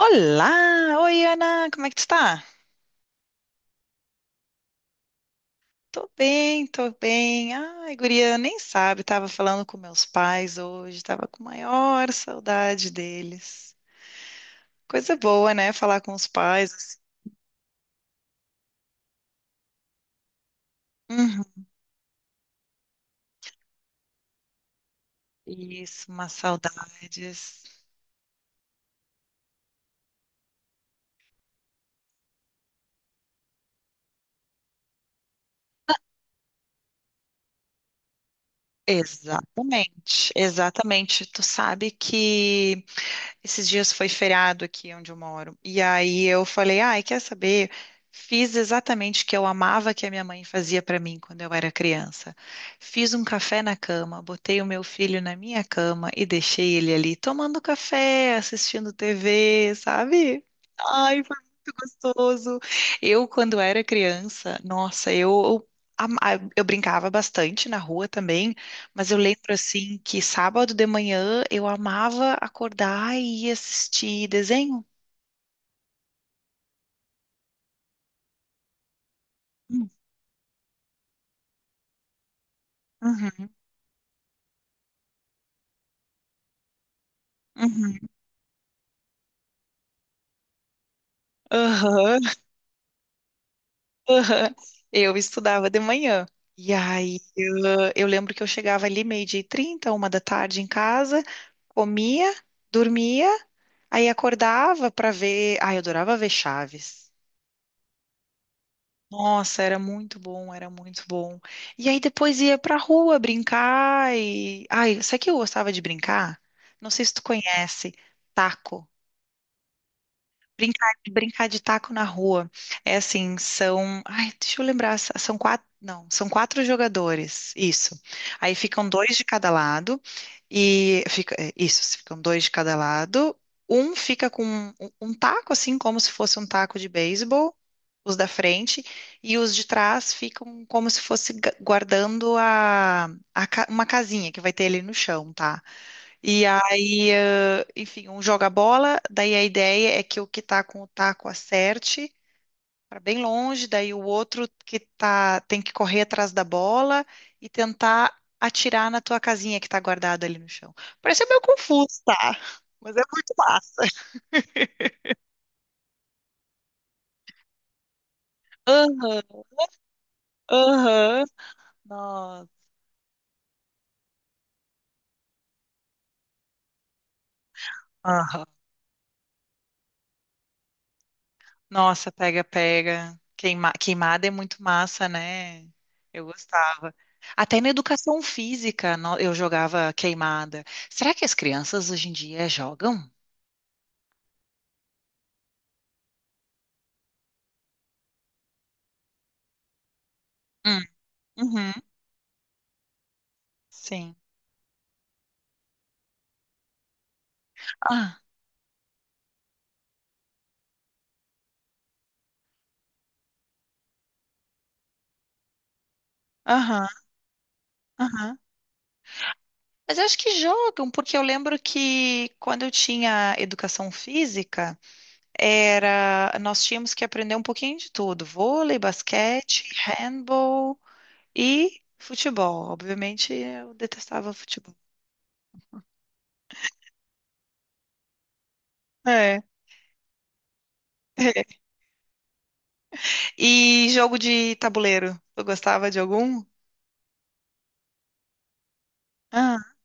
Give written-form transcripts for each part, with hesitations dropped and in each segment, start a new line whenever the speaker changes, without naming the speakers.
Olá! Oi, Ana! Como é que tu tá? Tô bem, tô bem. Ai, guria, nem sabe, tava falando com meus pais hoje, tava com maior saudade deles. Coisa boa, né? Falar com os pais, assim. Uhum. Isso, umas saudades. Exatamente, exatamente. Tu sabe que esses dias foi feriado aqui onde eu moro. E aí eu falei, ai, quer saber? Fiz exatamente o que eu amava que a minha mãe fazia para mim quando eu era criança. Fiz um café na cama, botei o meu filho na minha cama e deixei ele ali tomando café, assistindo TV, sabe? Ai, foi muito gostoso. Eu, quando era criança, nossa, eu eu brincava bastante na rua também. Mas eu lembro assim que sábado de manhã eu amava acordar e ir assistir desenho. Hum, Uhum, uhum, aham, aham. Eu estudava de manhã. E aí eu lembro que eu chegava ali 12h30, 1 da tarde em casa, comia, dormia, aí acordava para ver. Ai, eu adorava ver Chaves. Nossa, era muito bom, era muito bom. E aí depois ia pra rua brincar e... ai, sabe o que eu gostava de brincar? Não sei se tu conhece, taco. Brincar, brincar de taco na rua. É assim, são... ai, deixa eu lembrar, são 4. Não, são 4 jogadores. Isso. Aí ficam dois de cada lado. E fica... é, isso, ficam dois de cada lado. Um fica com um taco, assim, como se fosse um taco de beisebol, os da frente, e os de trás ficam como se fosse guardando a uma casinha que vai ter ali no chão, tá? E aí, enfim, um joga a bola, daí a ideia é que o que tá com o taco acerte para bem longe, daí o outro que tá tem que correr atrás da bola e tentar atirar na tua casinha que tá guardada ali no chão. Parece meio confuso, tá? Mas é muito massa. Aham, aham. Nossa. Aham. Nossa, pega, pega. Queimada é muito massa, né? Eu gostava. Até na educação física eu jogava queimada. Será que as crianças hoje em dia jogam? Hum, uhum, sim. Ah, aham, aham. Mas eu acho que jogam, porque eu lembro que quando eu tinha educação física, era... nós tínhamos que aprender um pouquinho de tudo: vôlei, basquete, handball e futebol. Obviamente, eu detestava futebol. É. E jogo de tabuleiro? Eu gostava de algum? Ah,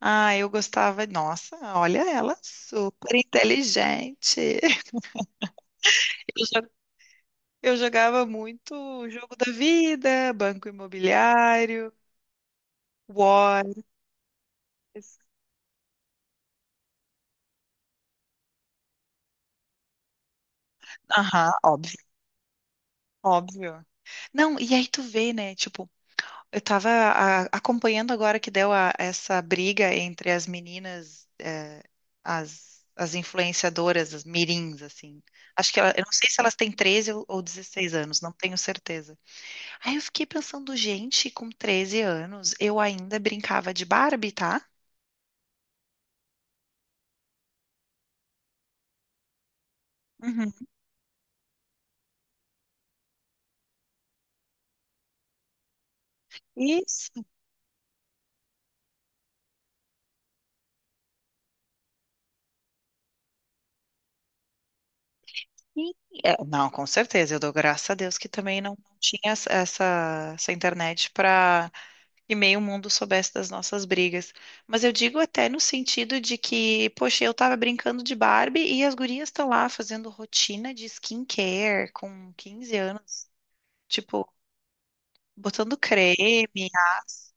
ah, eu gostava. Nossa, olha ela, super inteligente. Eu eu jogava muito Jogo da Vida, Banco Imobiliário, War. Aham, óbvio, óbvio. Não, e aí tu vê, né? Tipo, eu estava acompanhando agora que deu essa briga entre as meninas, as, as influenciadoras, as mirins, assim. Acho que ela, eu não sei se elas têm 13 ou 16 anos, não tenho certeza. Aí eu fiquei pensando, gente, com 13 anos, eu ainda brincava de Barbie, tá? Uhum. Isso. Sim. É, não, com certeza. Eu dou graças a Deus que também não, não tinha essa internet para que meio mundo soubesse das nossas brigas. Mas eu digo até no sentido de que, poxa, eu tava brincando de Barbie e as gurias estão lá fazendo rotina de skincare com 15 anos, tipo, botando creme, as...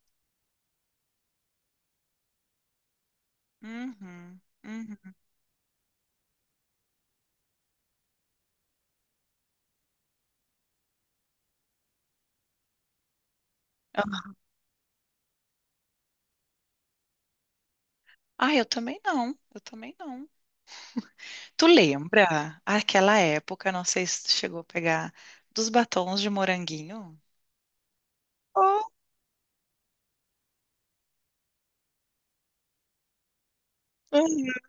Uhum, uhum. Ah, eu também não, eu também não. Tu lembra aquela época, não sei se tu chegou a pegar, dos batons de moranguinho? Oh, uhum.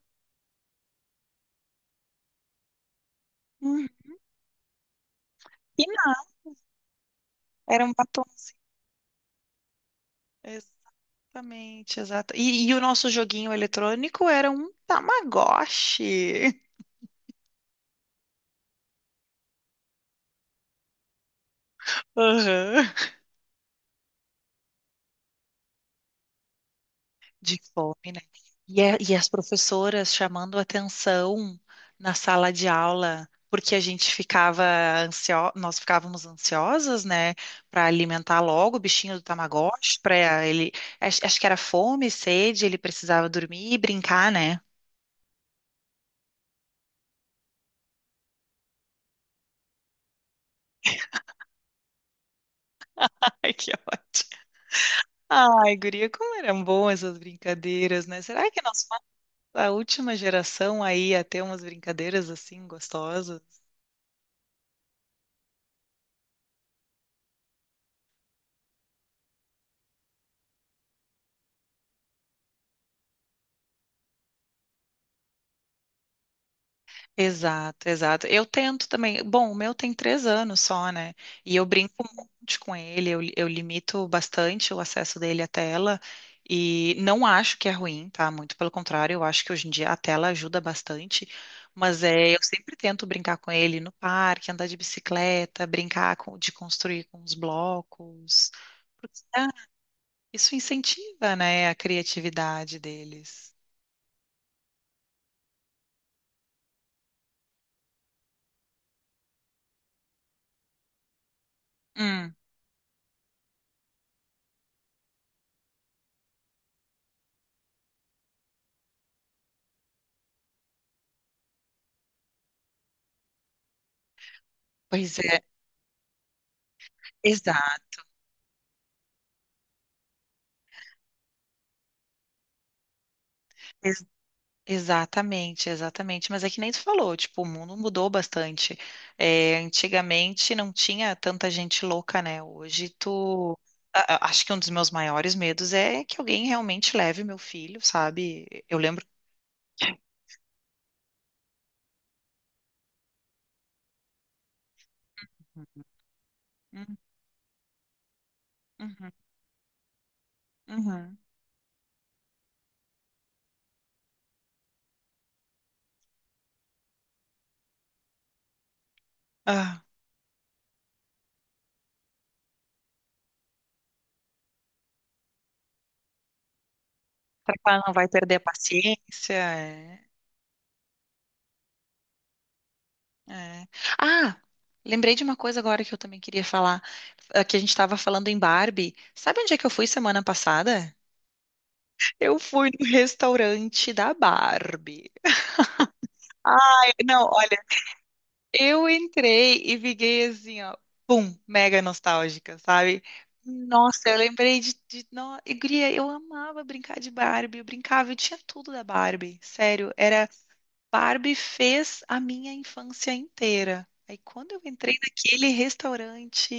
Uhum. E não, era um batom. Exatamente, exato. E o nosso joguinho eletrônico era um Tamagotchi. Aham. De fome, né? E, e as professoras chamando atenção na sala de aula, porque a gente ficava nós ficávamos ansiosas, né, para alimentar logo o bichinho do Tamagotchi, para ele, acho que era fome, sede, ele precisava dormir e brincar, né? Ai, que ótimo. Ai, guria, como eram boas essas brincadeiras, né? Será que nós... a última geração aí a ter umas brincadeiras assim gostosas. Exato, exato. Eu tento também. Bom, o meu tem 3 anos só, né? E eu brinco um monte com ele, eu limito bastante o acesso dele à tela. E não acho que é ruim, tá? Muito pelo contrário, eu acho que hoje em dia a tela ajuda bastante. Mas é, eu sempre tento brincar com ele no parque, andar de bicicleta, brincar de construir com os blocos. Porque, ah, isso incentiva, né, a criatividade deles. Hum, pois é, exa ex- exatamente, exatamente. Mas é que nem tu falou, tipo, o mundo mudou bastante. É, antigamente não tinha tanta gente louca, né? Hoje tu... acho que um dos meus maiores medos é que alguém realmente leve meu filho, sabe? Eu lembro. Hum, uhum, uhum. Ah, será que ela não vai perder a paciência? É. É. Ah, lembrei de uma coisa agora que eu também queria falar, que a gente estava falando em Barbie. Sabe onde é que eu fui semana passada? Eu fui no restaurante da Barbie. É, não, eu entrei e fiquei assim, ó, pum, mega nostálgica, sabe? Nossa, eu lembrei de no... e, guria, eu amava brincar de Barbie, eu brincava, eu tinha tudo da Barbie, sério, era... Barbie fez a minha infância inteira. Aí quando eu entrei naquele restaurante...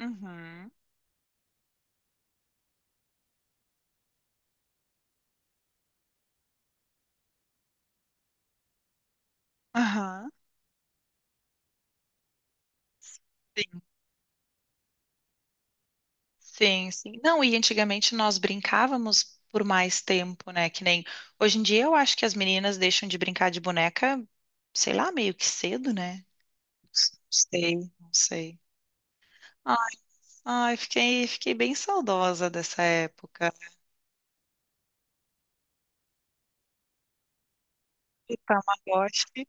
Uhum. Aham. Sim, sim, sim. Não, e antigamente nós brincávamos por mais tempo, né? Que nem hoje em dia eu acho que as meninas deixam de brincar de boneca, sei lá, meio que cedo, né? Não sei, não sei. Ai, ai, fiquei, fiquei bem saudosa dessa época. E Tamagotchi.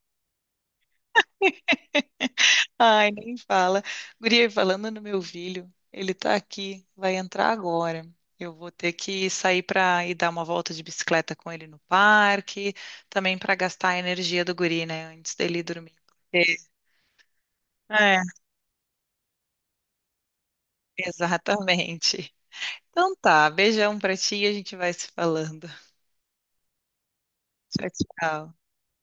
Ai, nem fala. Guria, e falando no meu filho, ele tá aqui, vai entrar agora. Eu vou ter que sair para ir dar uma volta de bicicleta com ele no parque, também para gastar a energia do guri, né, antes dele dormir. porque- É, exatamente. Então tá, beijão pra ti e a gente vai se falando. Tchau, tchau.